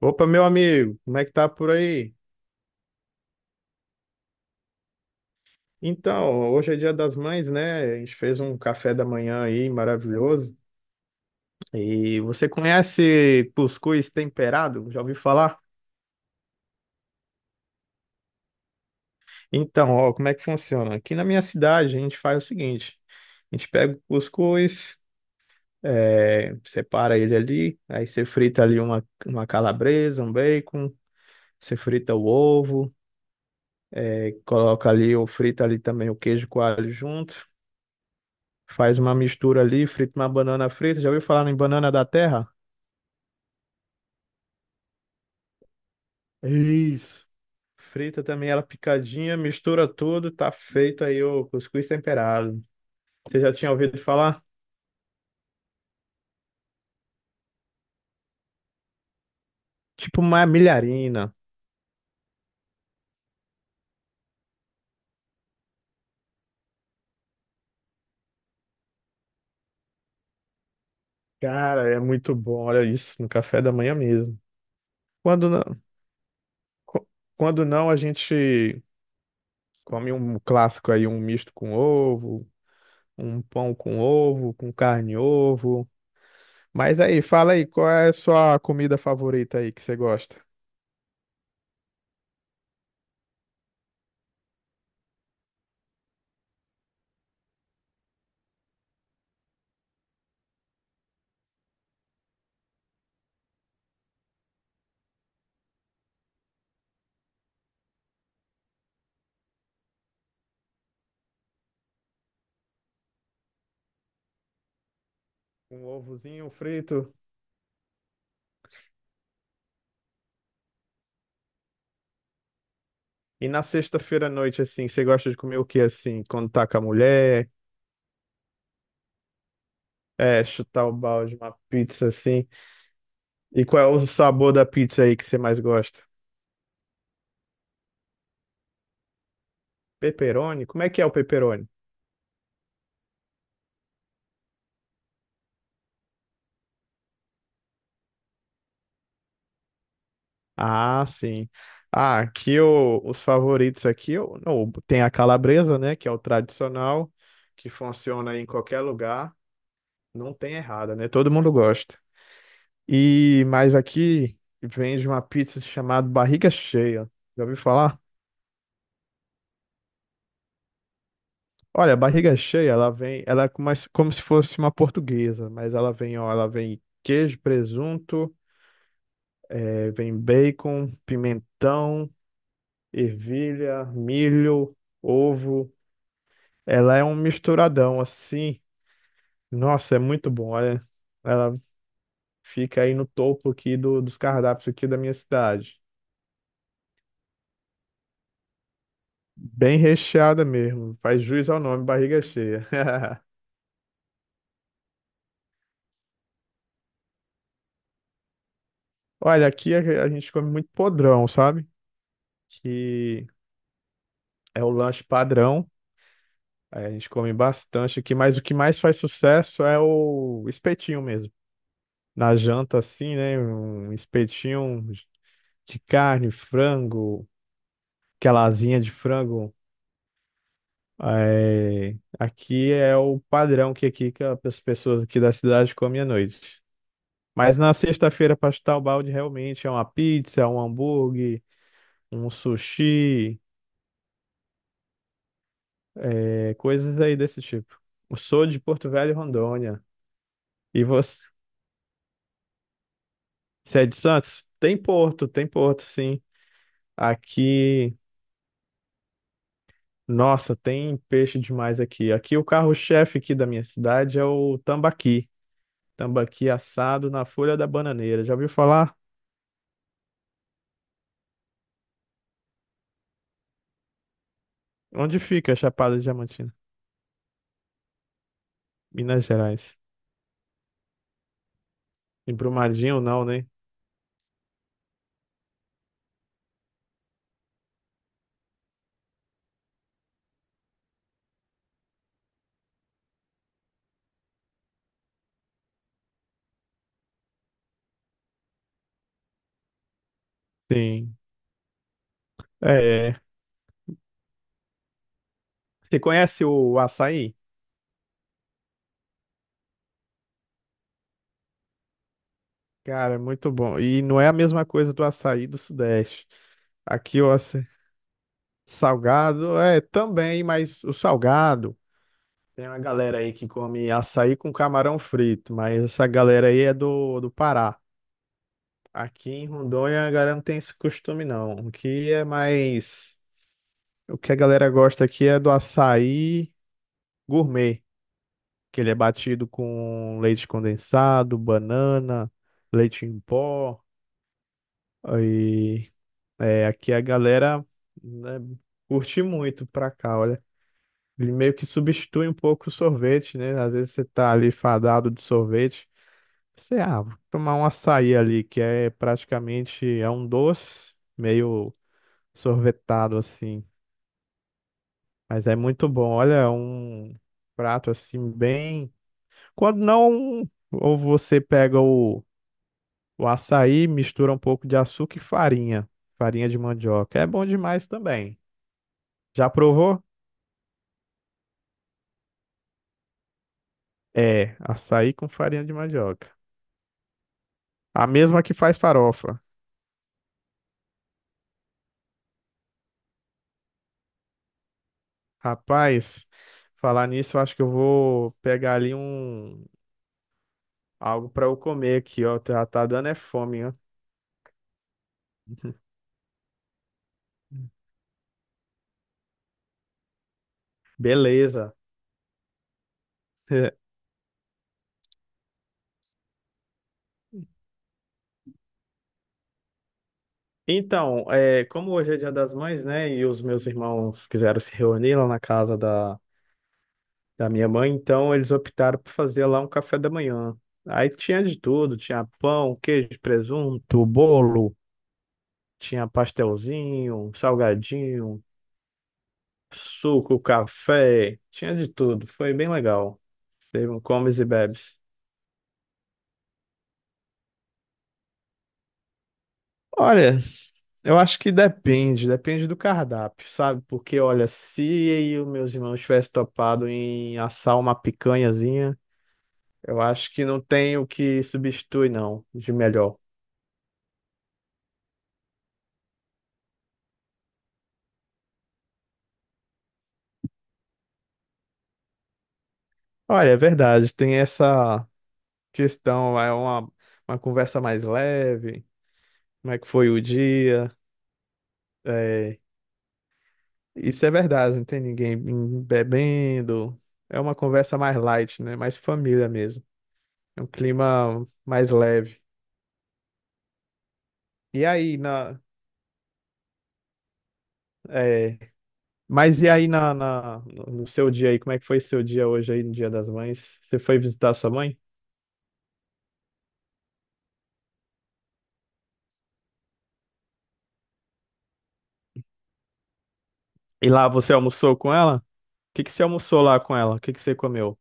Opa, meu amigo, como é que tá por aí? Então, hoje é Dia das Mães, né? A gente fez um café da manhã aí maravilhoso. E você conhece cuscuz temperado? Já ouviu falar? Então, ó, como é que funciona? Aqui na minha cidade a gente faz o seguinte: a gente pega o cuscuz, separa ele ali, aí você frita ali uma calabresa, um bacon, você frita o ovo, coloca ali ou frita ali também o queijo coalho junto. Faz uma mistura ali, frita uma banana frita. Já ouviu falar em banana da terra? Isso. Frita também ela picadinha, mistura tudo, tá feito aí o cuscuz temperado. Você já tinha ouvido falar? Tipo uma milharina. Cara, é muito bom, olha isso, no café da manhã mesmo. Quando não, qu- quando não, a gente come um clássico aí, um misto com ovo, um pão com ovo, com carne e ovo. Mas aí, fala aí, qual é a sua comida favorita aí que você gosta? Um ovozinho frito. E na sexta-feira à noite, assim, você gosta de comer o que, assim, quando tá com a mulher? É, chutar o balde, uma pizza, assim. E qual é o sabor da pizza aí que você mais gosta? Pepperoni? Como é que é o pepperoni? Ah, sim. Ah, aqui os favoritos aqui, não, tem a calabresa, né, que é o tradicional, que funciona em qualquer lugar. Não tem errada, né? Todo mundo gosta. E, mas aqui vende uma pizza chamada barriga cheia. Já ouviu falar? Olha, a barriga cheia, ela vem, ela é como se fosse uma portuguesa, mas ela vem, ó, ela vem queijo, presunto, vem bacon, pimentão, ervilha, milho, ovo. Ela é um misturadão assim. Nossa, é muito bom, olha. Ela fica aí no topo aqui dos cardápios aqui da minha cidade. Bem recheada mesmo. Faz jus ao nome, barriga cheia. Olha, aqui a gente come muito podrão, sabe? Que é o lanche padrão. É, a gente come bastante aqui, mas o que mais faz sucesso é o espetinho mesmo. Na janta, assim, né? Um espetinho de carne, frango, aquela asinha de frango. É, aqui é o padrão que aqui que as pessoas aqui da cidade comem à noite. Mas na sexta-feira, para chutar o balde, realmente é uma pizza, um hambúrguer, um sushi, é, coisas aí desse tipo. Eu sou de Porto Velho, Rondônia. E você? Você é de Santos? Tem porto, sim. Aqui, nossa, tem peixe demais aqui. Aqui o carro-chefe aqui da minha cidade é o tambaqui. Tambaqui assado na folha da bananeira. Já ouviu falar? Onde fica a Chapada Diamantina? Minas Gerais. Em Brumadinho, não, né? Sim. É, é. Você conhece o açaí? Cara, é muito bom. E não é a mesma coisa do açaí do Sudeste. Aqui o açaí salgado é também, mas o salgado. Tem uma galera aí que come açaí com camarão frito, mas essa galera aí é do Pará. Aqui em Rondônia a galera não tem esse costume, não. O que é mais. O que a galera gosta aqui é do açaí gourmet, que ele é batido com leite condensado, banana, leite em pó. E é, aqui a galera né, curte muito pra cá, olha. Ele meio que substitui um pouco o sorvete, né? Às vezes você tá ali fadado de sorvete. Sei, ah, vou tomar um açaí ali, que é praticamente é um doce meio sorvetado assim, mas é muito bom. Olha, é um prato assim bem. Quando não, ou você pega o açaí, mistura um pouco de açúcar e farinha, farinha de mandioca. É bom demais também. Já provou? É, açaí com farinha de mandioca. A mesma que faz farofa. Rapaz, falar nisso, eu acho que eu vou pegar ali um algo para eu comer aqui, ó. Já tá dando é fome, ó. Beleza. Então, é, como hoje é Dia das Mães, né? E os meus irmãos quiseram se reunir lá na casa da minha mãe, então eles optaram por fazer lá um café da manhã. Aí tinha de tudo, tinha pão, queijo, presunto, bolo, tinha pastelzinho, salgadinho, suco, café, tinha de tudo. Foi bem legal. Teve um comes e bebes. Olha, eu acho que depende, depende do cardápio, sabe? Porque, olha, se eu meus irmãos tivessem topado em assar uma picanhazinha, eu acho que não tem o que substitui, não, de melhor. Olha, é verdade, tem essa questão, é uma conversa mais leve, como é que foi o dia, é, isso é verdade, não tem ninguém bebendo, é uma conversa mais light, né? Mais família mesmo, é um clima mais leve. E aí, na... é, mas e aí no seu dia aí, como é que foi seu dia hoje aí no Dia das Mães? Você foi visitar sua mãe? E lá você almoçou com ela? O que que você almoçou lá com ela? O que que você comeu?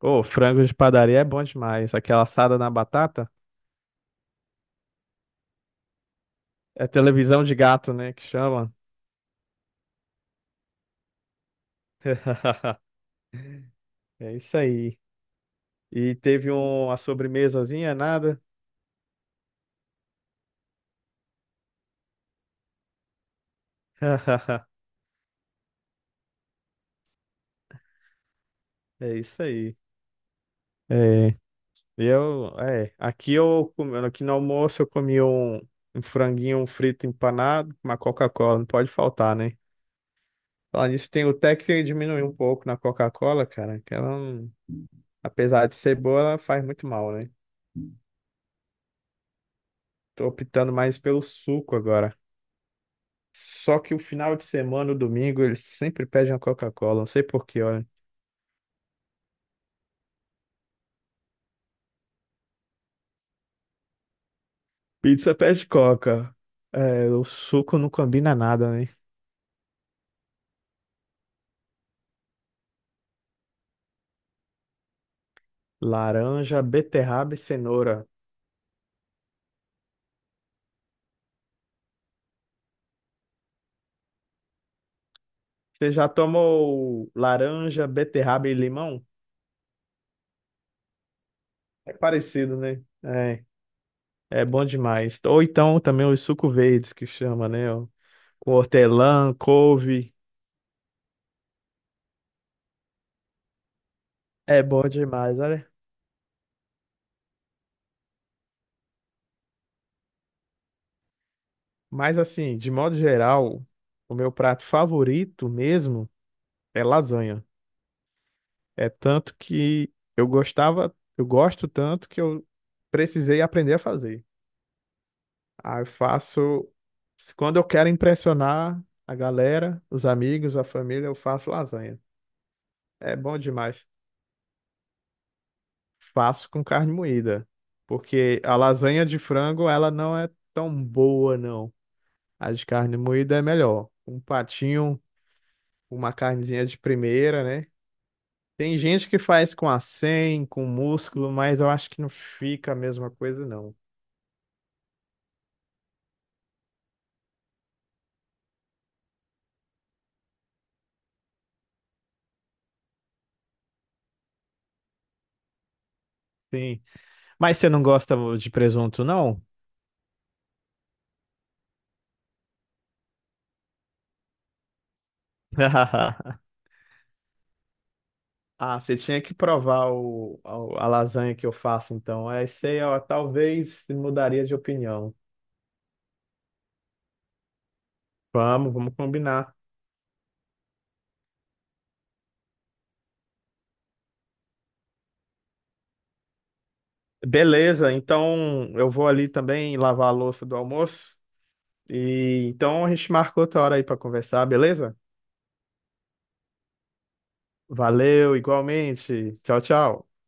Ô, frango de padaria é bom demais. Aquela assada na batata? É televisão de gato, né, que chama? É isso aí. E teve um, a sobremesazinha, nada? É isso aí. É. Eu, é, aqui eu, aqui no almoço eu comi um, um franguinho um frito empanado, uma Coca-Cola, não pode faltar, né? Falar nisso, tem o até que diminuir um pouco na Coca-Cola, cara, que ela, não, apesar de ser boa, ela faz muito mal, né? Tô optando mais pelo suco agora. Só que o final de semana, o domingo, eles sempre pedem uma Coca-Cola, não sei por quê, olha. Pizza pede Coca. É, o suco não combina nada, né? Laranja, beterraba e cenoura. Você já tomou laranja, beterraba e limão? É parecido, né? É, é bom demais. Ou então também os suco verdes que chama, né? Ó, com hortelã, couve. É bom demais, olha. Mas assim, de modo geral, o meu prato favorito mesmo é lasanha. É tanto que eu gostava, eu gosto tanto que eu precisei aprender a fazer. Aí eu faço. Quando eu quero impressionar a galera, os amigos, a família, eu faço lasanha. É bom demais. Faço com carne moída. Porque a lasanha de frango, ela não é tão boa, não. A de carne moída é melhor. Um patinho, uma carnezinha de primeira, né? Tem gente que faz com acém, com músculo, mas eu acho que não fica a mesma coisa, não. Sim. Mas você não gosta de presunto, não? Ah, você tinha que provar o, a lasanha que eu faço, então. É isso aí, ó, talvez mudaria de opinião. Vamos, vamos combinar. Beleza, então eu vou ali também lavar a louça do almoço. E então a gente marca outra hora aí para conversar, beleza? Valeu, igualmente. Tchau, tchau.